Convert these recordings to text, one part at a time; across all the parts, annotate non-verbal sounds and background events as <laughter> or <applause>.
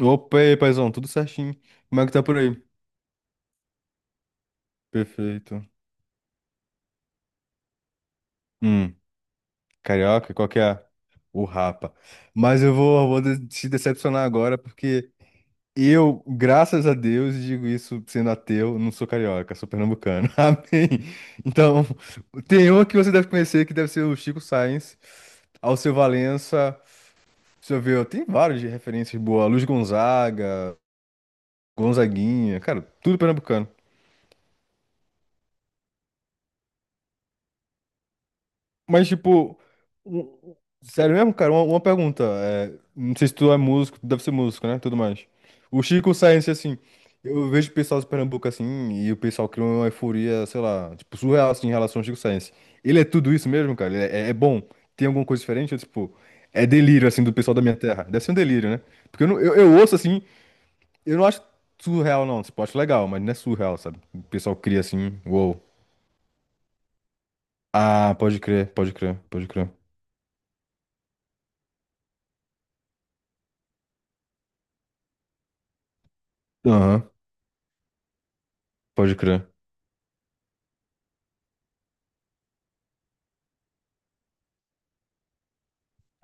Opa, e aí, paizão, tudo certinho. Como é que tá por aí? Perfeito. Hum, carioca, qual que é? O Rapa. Mas eu vou te decepcionar agora, porque eu, graças a Deus, e digo isso sendo ateu, não sou carioca, sou pernambucano. <laughs> Amém. Então, tem um que você deve conhecer, que deve ser o Chico Sainz, Alceu Valença, deixa eu ver, tem vários de referências boas, Luiz Gonzaga, Gonzaguinha, cara, tudo pernambucano. Mas, tipo, um- sério mesmo, cara? Uma pergunta. É, não sei se tu é músico, tu deve ser músico, né? Tudo mais. O Chico Science, assim, eu vejo o pessoal de Pernambuco assim, e o pessoal cria uma euforia, sei lá, tipo, surreal assim, em relação ao Chico Science. Ele é tudo isso mesmo, cara? Ele é, é bom? Tem alguma coisa diferente? Ou, tipo, é delírio, assim, do pessoal da minha terra? Deve ser um delírio, né? Porque eu ouço assim, eu não acho surreal, não. Tipo, eu acho legal, mas não é surreal, sabe? O pessoal cria assim, uou. Ah, pode crer, pode crer, pode crer. Aham. Pode crer.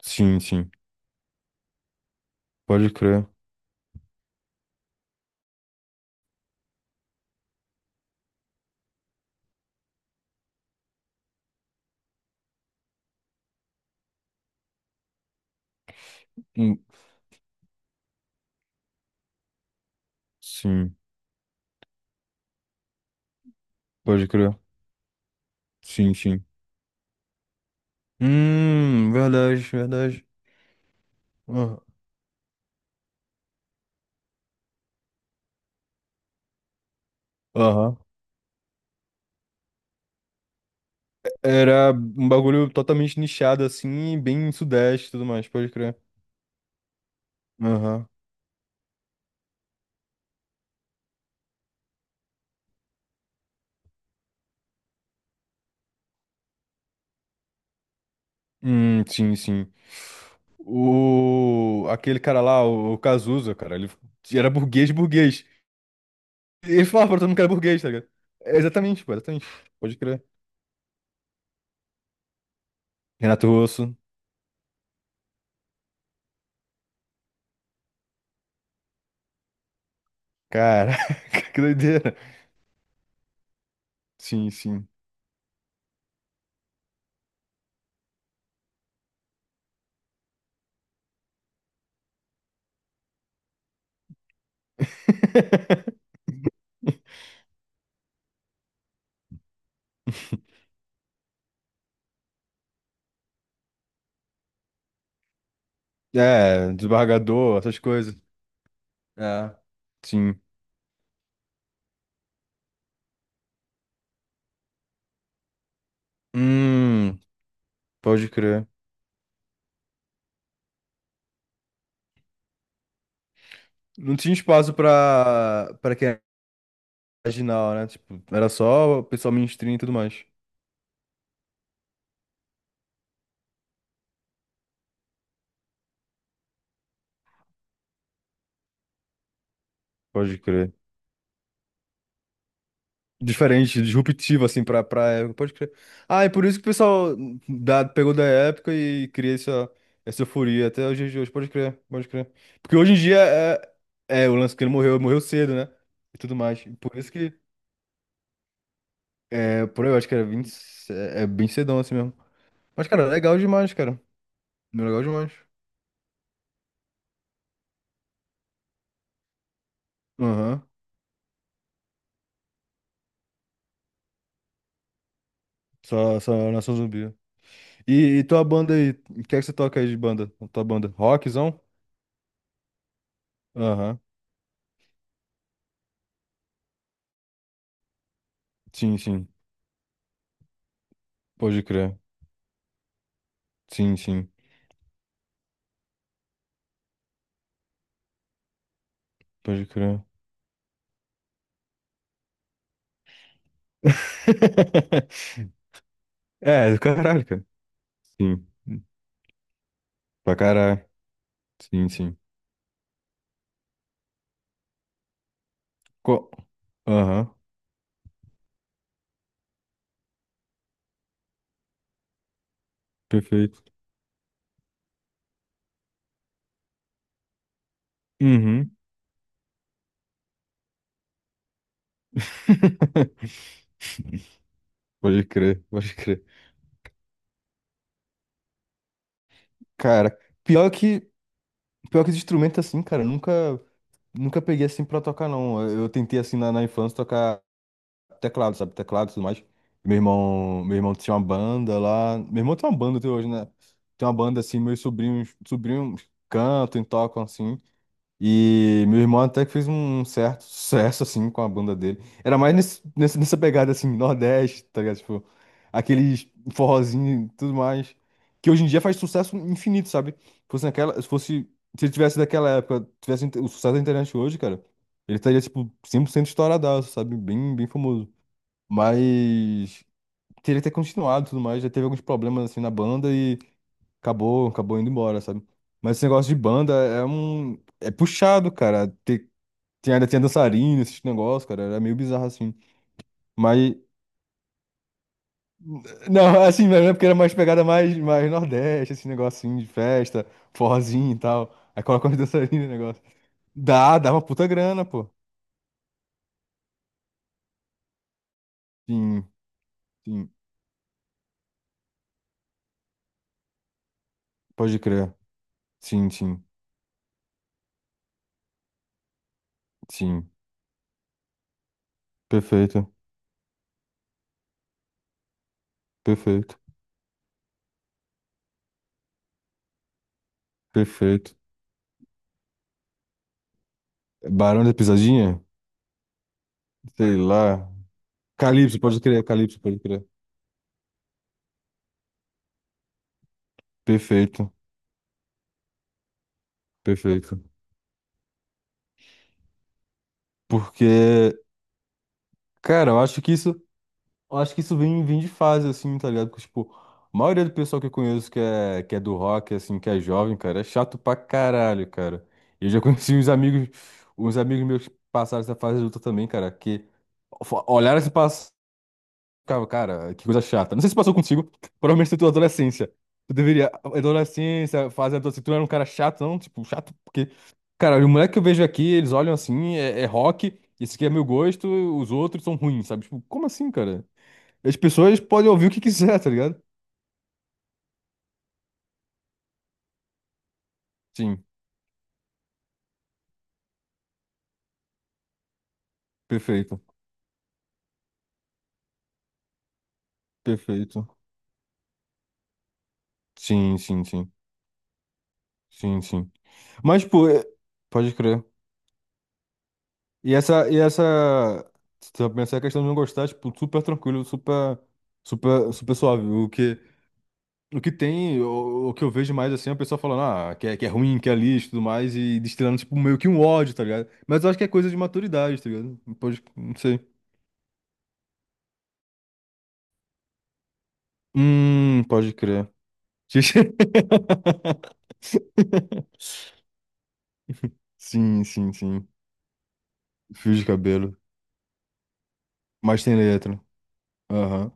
Sim, sim. Pode crer. Hum. Sim. Pode crer. Sim, sim. Verdade, verdade. Ah, aham. Era um bagulho totalmente nichado, assim, bem sudeste e tudo mais, pode crer. Aham. Sim, sim. O... Aquele cara lá, o Cazuza, cara, ele era burguês, burguês. Ele falava pra todo mundo que era burguês, tá ligado? É, exatamente, pô, exatamente. Pode crer. Renato Russo. Caraca, <laughs> que doideira. Sim, sim. <laughs> É, desembargador, essas coisas. É, sim. Hum, pode crer. Não tinha espaço pra quem era marginal, né? Tipo, era só o pessoal mainstream e tudo mais. Pode crer. Diferente, disruptivo, assim, pra, pra época. Pode crer. Ah, é por isso que o pessoal pegou da época e cria essa euforia até os dias de hoje. Pode crer, pode crer. Porque hoje em dia é o lance que ele morreu, morreu cedo, né? E tudo mais. Por isso que. É, por aí, eu acho que era 20. É, é bem cedão assim mesmo. Mas, cara, legal demais, cara. Legal demais. Aham. Só, só nação zumbi. E tua banda aí? O que é que você toca aí de banda? Tua banda? Rockzão? Aham. Sim, sim. Pode crer. Sim, sim. Pode crer. <laughs> É, do caralho, cara. Sim. Pra caralho. Sim, sim. Co- Aham. Perfeito. Uhum. <laughs> Pode crer, pode crer. Cara, pior que. Pior que esse instrumento assim, cara, eu nunca, nunca peguei assim pra tocar, não. Eu tentei assim na, na infância tocar teclado, sabe? Teclado e tudo mais. Meu irmão tinha uma banda lá. Meu irmão tem uma banda até hoje, né? Tem uma banda assim, meus sobrinhos, sobrinhos cantam e tocam assim. E meu irmão até que fez um certo sucesso, assim, com a banda dele. Era mais nessa pegada, assim, Nordeste, tá ligado? Tipo, aqueles forrozinho e tudo mais. Que hoje em dia faz sucesso infinito, sabe? Se fosse naquela, se ele tivesse daquela época, tivesse o sucesso da internet hoje, cara, ele estaria, tipo, 100% estouradaço, sabe? Bem, bem famoso. Mas teria que ter continuado e tudo mais. Já teve alguns problemas, assim, na banda acabou, acabou indo embora, sabe? Mas esse negócio de banda é um. É puxado, cara. Ainda tinha dançarina, esses negócios, cara. Era meio bizarro assim. Mas. Não, <laughs> assim, mas é porque era mais pegada mais Nordeste, esse negocinho de festa, forrozinho e tal. Aí coloca umas dançarinas <laughs> no negócio. Dá uma puta grana, pô. Sim, sim. Pode crer. Sim, sim, sim. Perfeito, perfeito, perfeito. Barão da Pisadinha? Sei lá. Calypso, pode crer, Calypso, pode crer. Perfeito. Perfeito. Porque, cara, eu acho que isso vem de fase, assim, tá ligado? Porque, tipo, a maioria do pessoal que eu conheço que é do rock, assim, que é jovem, cara, é chato pra caralho, cara. Eu já <laughs> conheci uns amigos meus que passaram essa fase adulta também, cara, que olharam esse cara, cara, que coisa chata. Não sei se passou contigo, provavelmente na tua adolescência. Tu deveria, adolescência, fase adolescente, tu não era um cara chato, não? Tipo, chato porque... Cara, o moleque que eu vejo aqui, eles olham assim, é, é rock, esse aqui é meu gosto, os outros são ruins, sabe? Tipo, como assim, cara? As pessoas podem ouvir o que quiser, tá ligado? Sim, perfeito, perfeito. Sim, sim, sim, sim, sim. Mas, tipo, é- pode crer. E essa, se tu pensar a questão de não gostar, tipo, super tranquilo, super suave, o que... O que tem, o que eu vejo mais assim, é a pessoa falando, ah, que é, ruim, que é lixo e tudo mais, e destilando, tipo, meio que um ódio, tá ligado? Mas eu acho que é coisa de maturidade, tá ligado? Pode, não sei. Pode crer. <laughs> Sim, sim, sim. Fio de cabelo. Mas tem letra. Aham.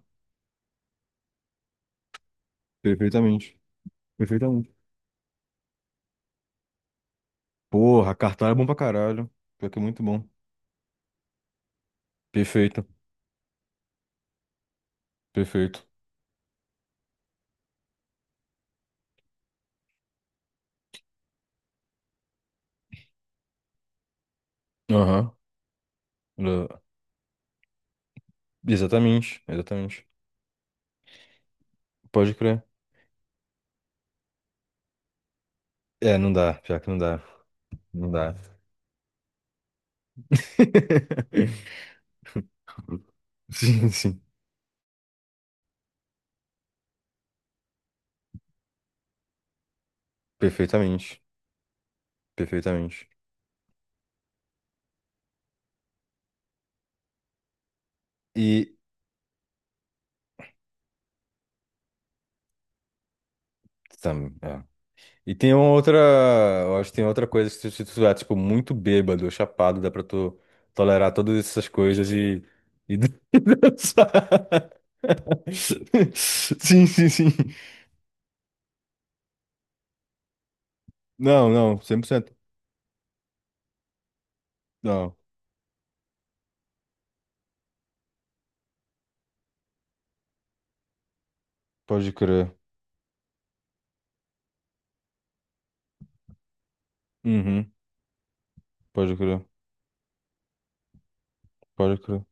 Perfeitamente. Perfeitamente. Porra, cartão é bom pra caralho. Pior que é muito bom. Perfeito. Perfeito. Aham. Le- exatamente. Exatamente. Pode crer. É, não dá, pior que não dá. Não dá. <laughs> Sim, sim. Perfeitamente. Perfeitamente. E. Tam, é. E tem uma outra. Eu acho que tem outra coisa que se se tu tiver, tipo, muito bêbado, chapado, dá pra tu tolerar todas essas coisas e. E <laughs> dançar. Sim, sim, sim. Não, não, 100%. Não, pode crer. Uhum, pode crer. Pode crer.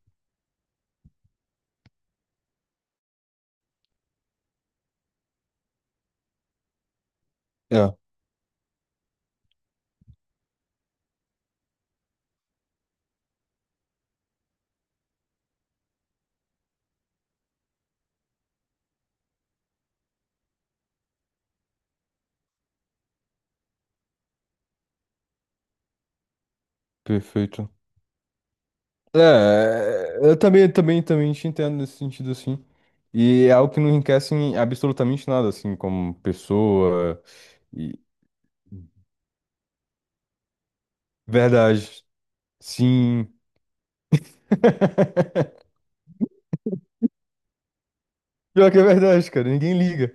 É, perfeito. É, é, eu também, também, também te entendo nesse sentido, assim. E é algo que não enriquece em absolutamente nada, assim, como pessoa. E... Verdade. Sim. <laughs> Pior que é verdade, cara. Ninguém liga.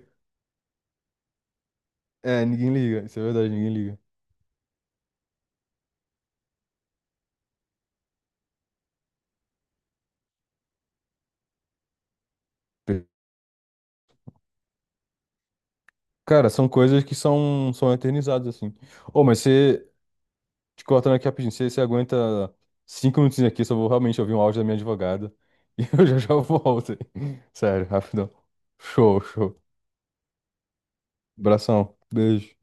É, ninguém liga. Isso é verdade, ninguém liga. Cara, são coisas que são eternizadas, assim. Ô, mas você, te cortando aqui rapidinho, você aguenta 5 minutinhos aqui, só vou realmente ouvir um áudio da minha advogada. <laughs> E eu já já volto. Aí. Sério, rapidão. Show, show. Abração. Beijo.